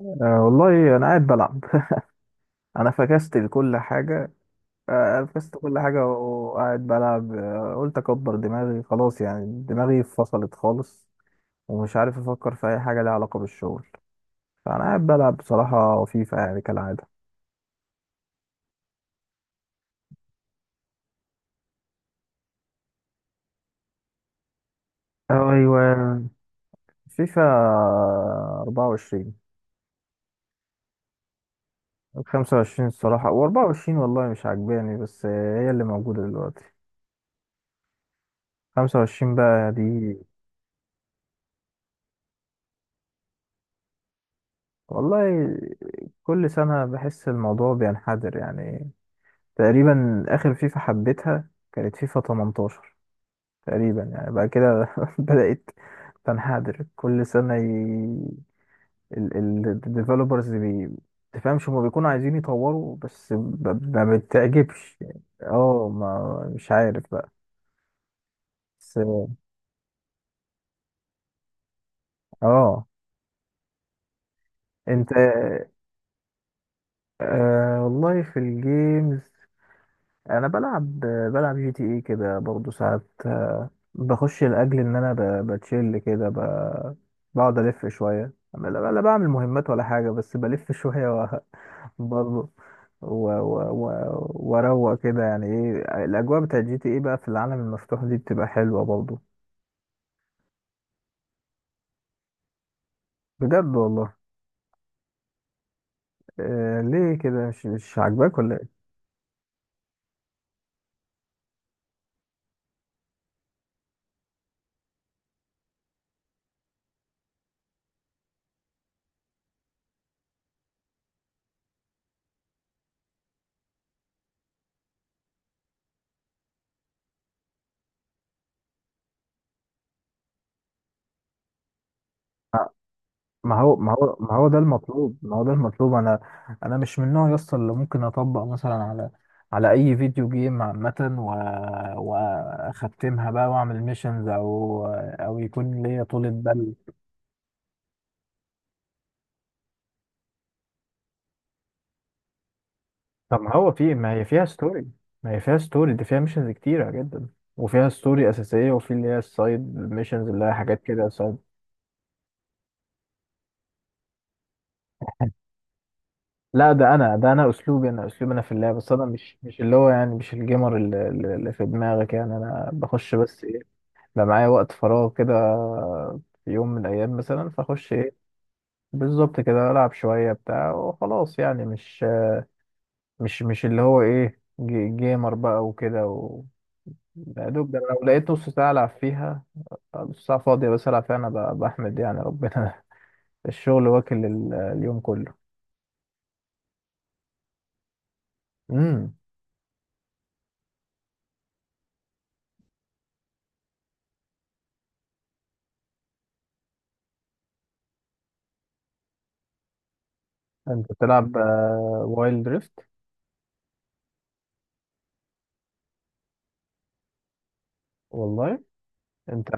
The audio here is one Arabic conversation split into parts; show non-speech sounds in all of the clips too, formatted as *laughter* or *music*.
أه والله انا قاعد بلعب *laughs* انا فكست لكل حاجه فكست كل حاجه وقاعد بلعب. قلت اكبر دماغي خلاص، يعني دماغي فصلت خالص. ومش عارف افكر في اي حاجه ليها علاقه بالشغل. فانا قاعد بلعب بصراحه فيفا يعني كالعاده. ايوه، فيفا 24. 25 الصراحه و24، والله مش عاجباني بس هي اللي موجوده دلوقتي. 25 بقى دي. والله كل سنه بحس الموضوع بينحدر يعني. تقريبا اخر فيفا حبيتها كانت فيفا 18. تقريبا يعني بعد كده *laughs* بدأت تنحدر كل سنة. الديفلوبرز بي تفهمش، هما بيكونوا عايزين يطوروا بس ما بتعجبش. اه ما مش عارف بقى. بس اه. آه. انت. آه والله في الجيمز. انا بلعب جي تي اي كده برضه ساعات، بخش لاجل ان انا بتشيل كده بقعد الف شويه، أما لا لا بعمل مهمات ولا حاجه بس بلف *laughs* شويه برضه واروق كده. يعني ايه الاجواء بتاعت جي تي اي بقى في العالم المفتوح دي بتبقى حلوه برضه. بجد والله. ليه كده؟ مش عاجباك ولا؟ ما هو ده المطلوب، ما هو ده المطلوب. انا مش من النوع يصل اللي ممكن اطبق مثلا على اي فيديو جيم عامة، و... واختمها بقى واعمل ميشنز او يكون ليا طولة بال. طب ما هو في ما هي فيها ستوري دي فيها ميشنز كتيرة جدا، وفيها ستوري أساسية وفي اللي هي السايد ميشنز اللي هي حاجات كده سايد. لا، ده أنا أسلوبي، أنا أسلوبي أنا في اللعب. بس أنا مش اللي هو يعني مش الجيمر اللي في دماغك، يعني أنا بخش بس إيه؟ لو معايا وقت فراغ كده في يوم من الأيام مثلا، فأخش إيه؟ بالظبط كده ألعب شوية بتاع وخلاص، يعني مش اللي هو إيه جيمر بقى وكده. و يا دوب ده أنا لو لقيت نص ساعة ألعب فيها، نص ساعة فاضية بس ألعب فيها. أنا بحمد يعني ربنا. *laughs* الشغل واكل اليوم كله. امم أنت بتلعب وايلد دريفت؟ والله. أنت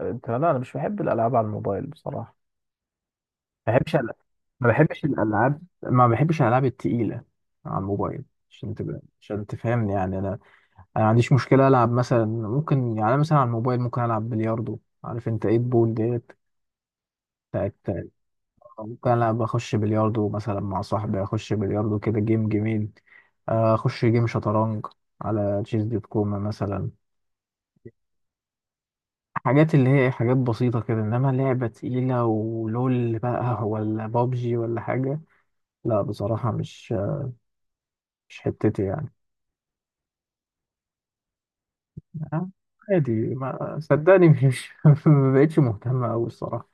أنت لا أنا مش بحب الألعاب على الموبايل بصراحة. ما بحبش ألعب. ما بحبش الالعاب، ما بحبش الالعاب التقيله على الموبايل. عشان تفهمني يعني، انا ما عنديش مشكله العب مثلا، ممكن يعني أنا مثلا على الموبايل ممكن العب بلياردو. عارف انت ايه البول ديت بتاعت؟ ممكن العب اخش بلياردو مثلا مع صاحبي، اخش بلياردو كده جيم جميل. اخش جيم شطرنج على تشيز دوت كوم مثلا. حاجات اللي هي حاجات بسيطة كده، إنما لعبة تقيلة ولول بقى ولا بابجي ولا حاجة، لا بصراحة مش حتتي يعني. آه، عادي ما صدقني مش *laughs* ما بقتش مهتم أوي الصراحة.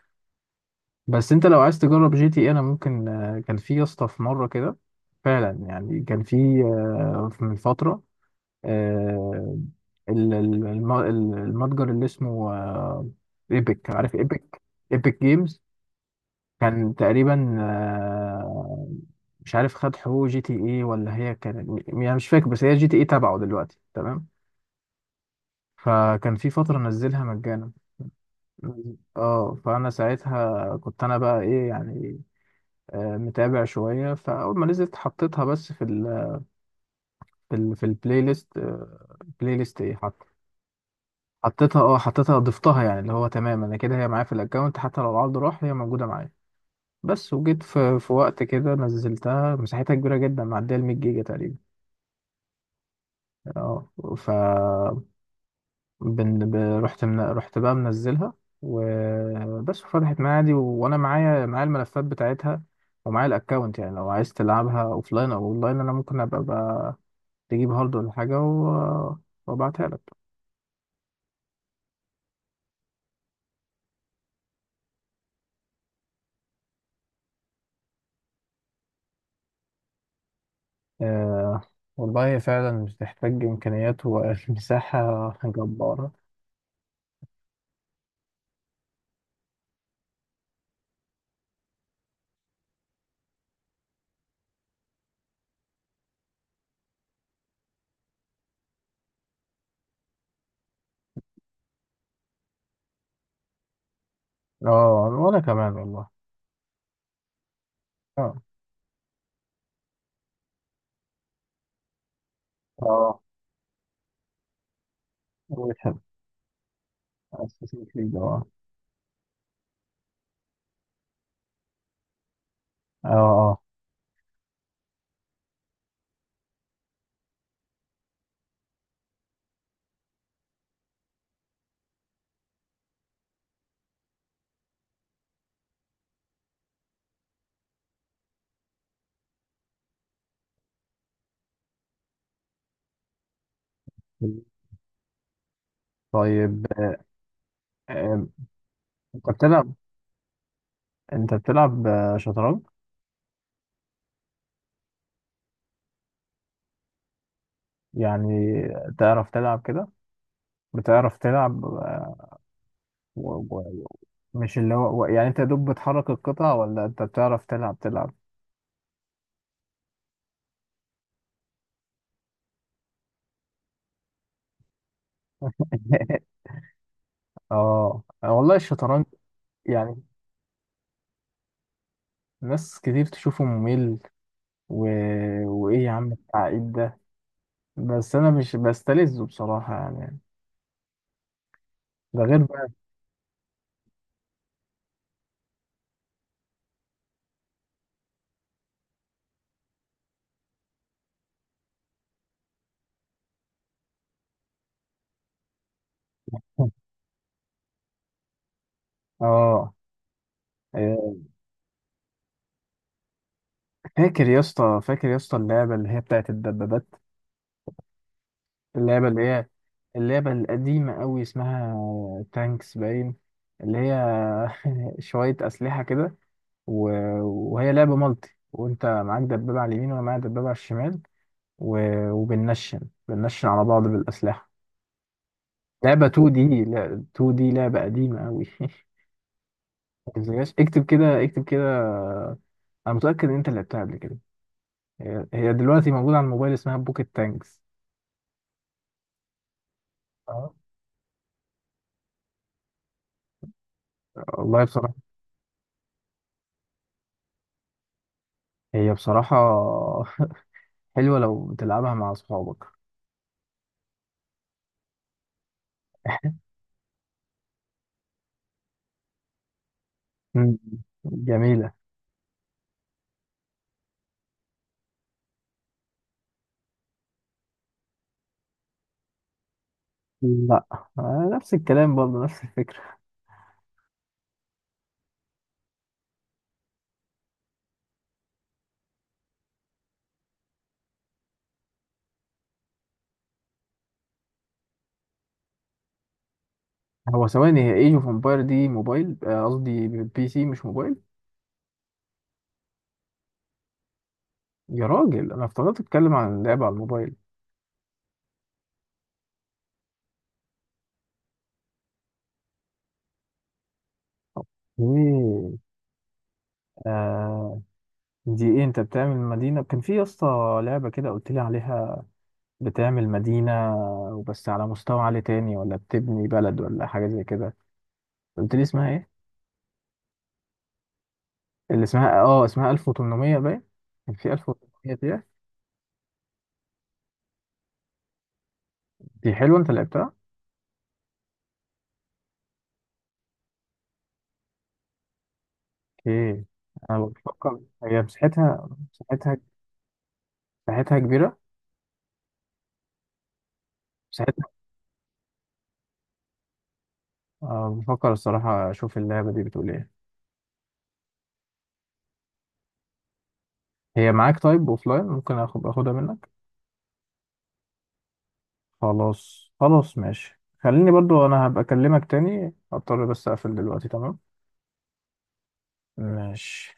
بس أنت لو عايز تجرب جي تي إيه، أنا ممكن، كان في يا اسطى في مرة كده، فعلا يعني كان في من فترة، آه، المتجر اللي اسمه ايبك. عارف ايبك؟ ايبك جيمز. كان تقريبا مش عارف، خد حقوق جي تي اي ولا هي كانت يعني، مش فاكر، بس هي جي تي اي تبعه دلوقتي، تمام. فكان في فترة نزلها مجانا. اه فأنا ساعتها كنت أنا بقى إيه يعني، متابع شوية، فأول ما نزلت حطيتها بس في البلاي ليست، بلاي ليست إيه حط، حطيتها. ضفتها، يعني اللي هو تمام، أنا كده هي معايا في الأكونت، حتى لو العرض راح هي موجودة معايا. بس وجيت في وقت كده نزلتها، مساحتها كبيرة جدا، معدية ال 100 جيجا تقريبا. اه ف بن... ب... رحت من... رحت بقى منزلها وبس، وفتحت معايا عادي، و... وانا معايا الملفات بتاعتها ومعايا الاكونت. يعني لو عايز تلعبها اوفلاين او اونلاين، انا ممكن ابقى بقى تجيب هارد ولا حاجه و... وابعتها لك. آه... والله هي فعلا بتحتاج امكانيات ومساحه *laughs* جباره. اه وانا كمان والله. اه اه وبتحب Assassin's Creed، اه. اه اه، طيب، آه، انت بتلعب انت بتلعب شطرنج؟ يعني تعرف تلعب كده؟ بتعرف تلعب و... و... مش اللي هو، يعني انت يا دوب بتحرك القطع ولا انت بتعرف تلعب *laughs* اه والله الشطرنج، يعني ناس كتير تشوفه ممل، و... وايه يا عم التعقيد ده. بس انا مش بستلذه بصراحة، يعني. ده غير بقى. *laughs* اه آه، فاكر يا اسطى، فاكر يا اسطى اللعبة اللي هي بتاعت الدبابات، اللعبة اللي هي اللعبة القديمة أوي اسمها تانكس باين، اللي هي *laughs* شوية أسلحة كده، و... وهي لعبة مالتي وأنت معاك دبابة على اليمين وأنا معايا دبابة على الشمال، و... وبننشن، بننشن على بعض بالأسلحة. لعبة 2 دي، لا 2 دي لعبة قديمة أوي *laughs* متنساهاش. اكتب كده اكتب كده. أنا متأكد إن أنت لعبتها قبل كده. هي هي دلوقتي موجودة على الموبايل اسمها بوكيت تانكس. اه والله بصراحة، هي بصراحة حلوة لو تلعبها مع أصحابك. مم. جميلة. لا، نفس الكلام برضه، نفس الفكرة. هو ثواني، هي ايج اوف امباير دي موبايل، قصدي بي سي مش موبايل؟ يا راجل انا افتكرت اتكلم عن اللعبة على الموبايل. اوكي. آه دي ايه، انت بتعمل مدينة؟ كان في يا اسطى لعبة كده قلت لي عليها، بتعمل مدينة وبس على مستوى عالي تاني ولا بتبني بلد ولا حاجة زي كده، قلت لي اسمها ايه؟ اللي اسمها اسمها 1800 باين، كان في 1800 دي. دي حلوة، انت لعبتها؟ اوكي. انا بفكر، هي مساحتها كبيرة. مساحتها أه بفكر الصراحة اشوف اللعبة دي بتقول ايه. هي معاك طيب اوفلاين؟ ممكن اخدها منك. خلاص خلاص ماشي، خليني برضو، انا هبقى اكلمك تاني، اضطر بس اقفل دلوقتي، تمام. ماشي.